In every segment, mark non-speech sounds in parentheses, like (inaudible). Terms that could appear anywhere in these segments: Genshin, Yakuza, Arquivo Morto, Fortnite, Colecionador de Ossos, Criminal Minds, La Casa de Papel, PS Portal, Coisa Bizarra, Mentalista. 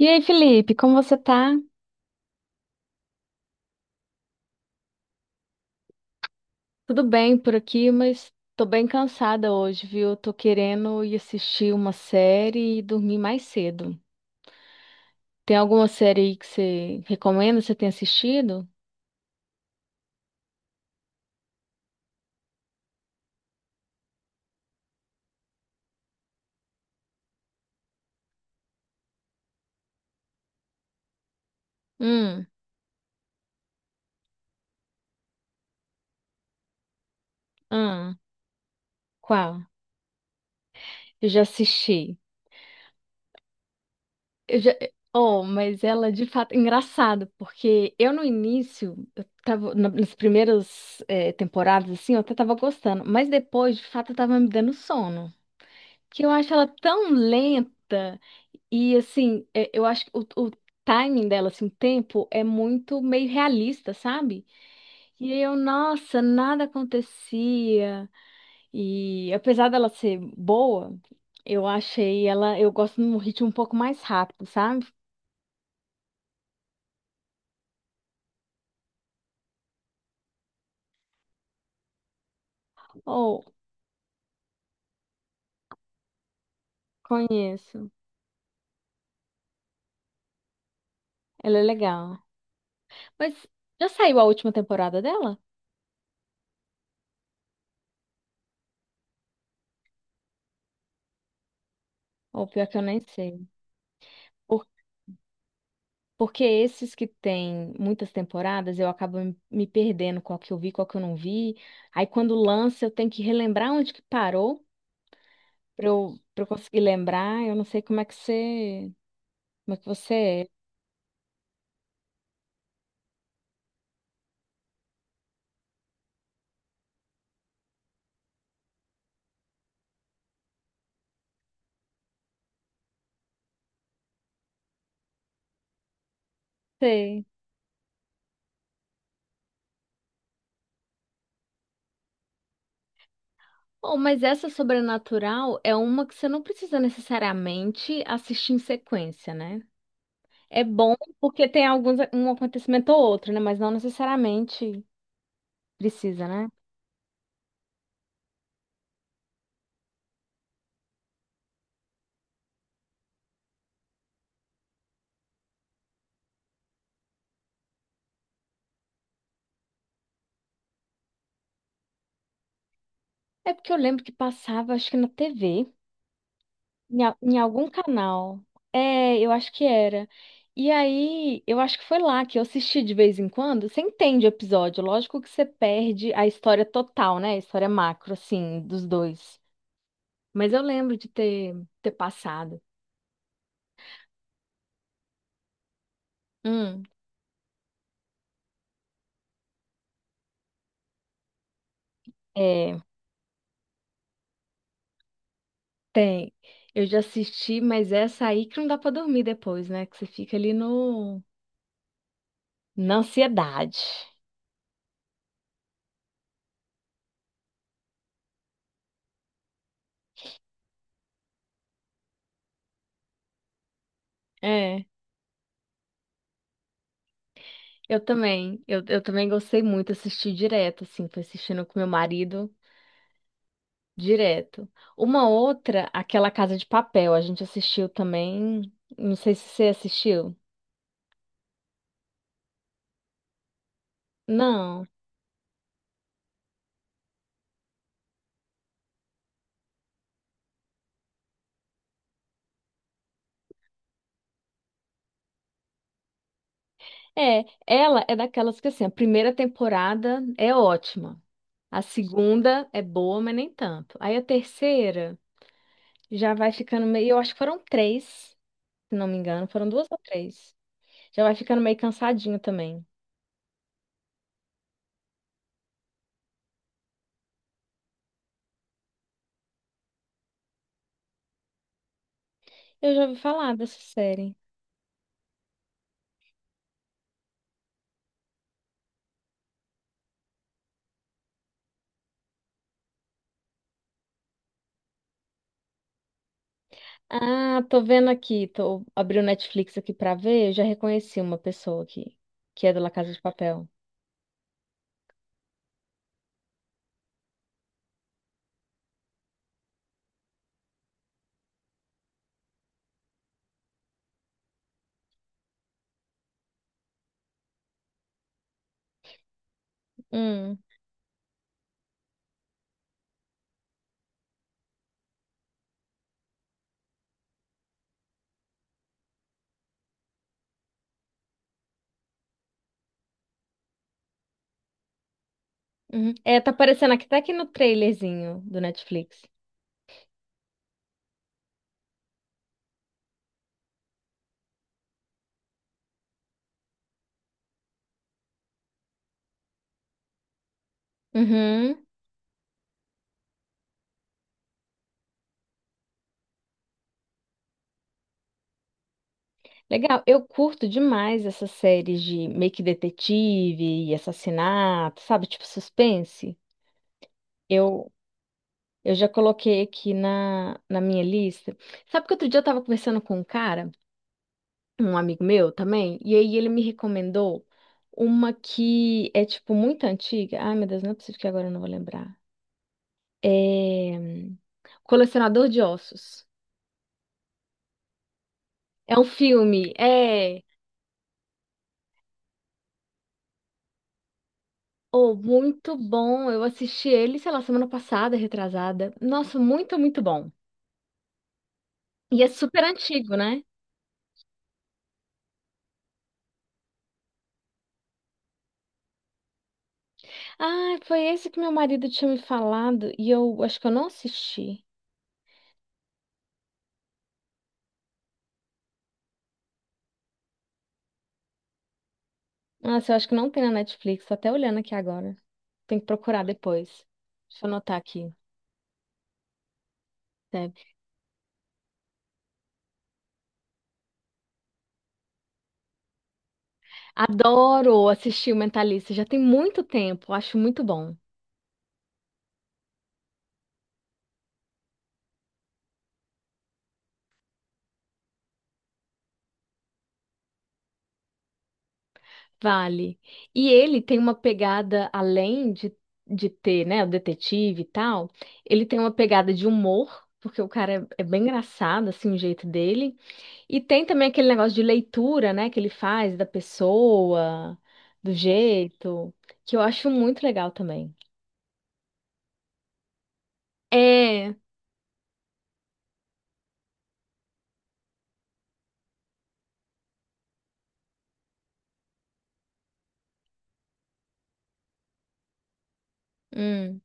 E aí, Felipe, como você tá? Tudo bem por aqui, mas tô bem cansada hoje, viu? Tô querendo ir assistir uma série e dormir mais cedo. Tem alguma série aí que você recomenda, você tem assistido? Hum, ah, qual? Eu já assisti. Eu já... Oh, mas ela de fato é engraçado, porque eu no início, eu tava nas primeiras temporadas assim, eu até tava gostando, mas depois de fato eu tava me dando sono. Que eu acho ela tão lenta e assim, eu acho que o timing dela, assim, o tempo é muito meio realista, sabe? E aí eu, nossa, nada acontecia. E apesar dela ser boa, eu achei ela, eu gosto de um ritmo um pouco mais rápido, sabe? Ou conheço. Ela é legal. Mas já saiu a última temporada dela? Ou pior que eu nem sei. Porque esses que têm muitas temporadas, eu acabo me perdendo qual que eu vi, qual que eu não vi. Aí quando lança, eu tenho que relembrar onde que parou para eu conseguir lembrar. Eu não sei como é que você, como é que você é. Sei. Bom, mas essa sobrenatural é uma que você não precisa necessariamente assistir em sequência, né? É bom porque tem alguns um acontecimento ou outro, né? Mas não necessariamente precisa, né? É porque eu lembro que passava, acho que na TV. Em, em algum canal. É, eu acho que era. E aí, eu acho que foi lá que eu assisti de vez em quando. Você entende o episódio, lógico que você perde a história total, né? A história macro, assim, dos dois. Mas eu lembro de ter, ter passado. Hum. É, tem. Eu já assisti, mas essa aí que não dá pra dormir depois, né? Que você fica ali no, na ansiedade. É. Eu também, eu também gostei muito, assisti direto, assim, fui assistindo com meu marido. Direto. Uma outra, aquela Casa de Papel, a gente assistiu também. Não sei se você assistiu. Não. É, ela é daquelas que assim, a primeira temporada é ótima. A segunda é boa, mas nem tanto. Aí a terceira já vai ficando meio, eu acho que foram três, se não me engano, foram duas ou três. Já vai ficando meio cansadinho também. Eu já ouvi falar dessa série. Ah, tô vendo aqui, tô abriu o Netflix aqui pra ver, eu já reconheci uma pessoa aqui, que é do La Casa de Papel. Hum, uhum. É, tá aparecendo aqui, tá aqui no trailerzinho do Netflix. Uhum. Legal, eu curto demais essas séries de meio que detetive e assassinato, sabe? Tipo suspense. Eu, eu já coloquei aqui na minha lista. Sabe que outro dia eu tava conversando com um cara, um amigo meu também, e aí ele me recomendou uma que é, tipo, muito antiga. Ai, meu Deus, não é possível que agora eu não vou lembrar. É... Colecionador de Ossos. É um filme, é... Oh, muito bom. Eu assisti ele, sei lá, semana passada, retrasada. Nossa, muito, muito bom. E é super antigo, né? Ah, foi esse que meu marido tinha me falado e eu acho que eu não assisti. Nossa, eu acho que não tem na Netflix. Tô até olhando aqui agora. Tem que procurar depois. Deixa eu anotar aqui. Adoro assistir o Mentalista, já tem muito tempo, acho muito bom. Vale. E ele tem uma pegada, além de ter, né, o detetive e tal, ele tem uma pegada de humor, porque o cara é bem engraçado, assim, o jeito dele. E tem também aquele negócio de leitura, né, que ele faz da pessoa, do jeito, que eu acho muito legal também. É. Hum.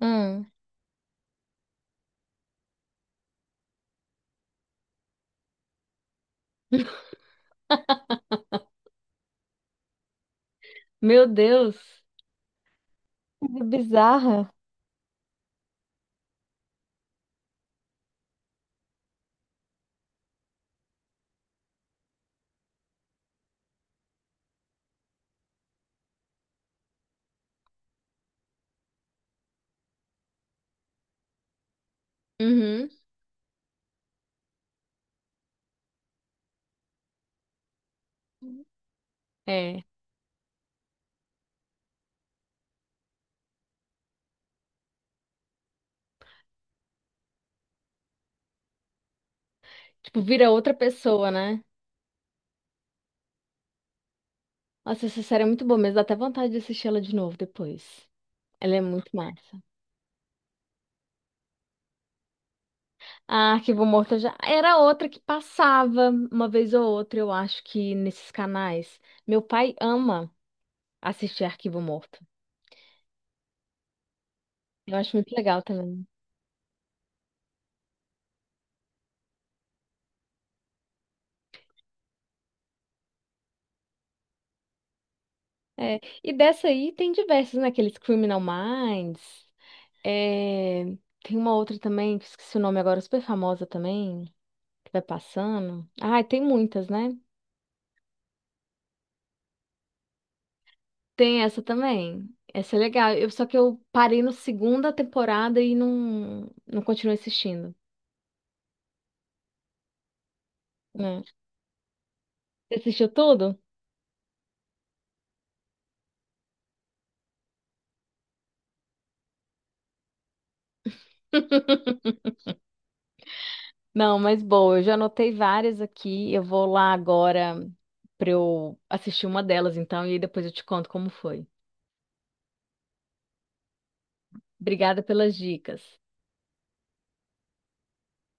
Hum. (laughs) Meu Deus. Coisa Bizarra. Uhum. É. Tipo, vira outra pessoa, né? Nossa, essa série é muito boa mesmo. Dá até vontade de assistir ela de novo depois. Ela é muito massa. Ah, Arquivo Morto eu já era outra que passava uma vez ou outra, eu acho que nesses canais. Meu pai ama assistir Arquivo Morto. Eu acho muito legal também. É. E dessa aí tem diversos, né? Aqueles Criminal Minds. É, tem uma outra também, que esqueci o nome agora, super famosa também, que vai passando. Ah, tem muitas, né? Tem essa também. Essa é legal. Eu, só que eu parei na segunda temporada e não, não continuei assistindo. Né? Você assistiu tudo? (laughs) Não, mas boa, eu já anotei várias aqui. Eu vou lá agora pra eu assistir uma delas, então, e aí depois eu te conto como foi. Obrigada pelas dicas.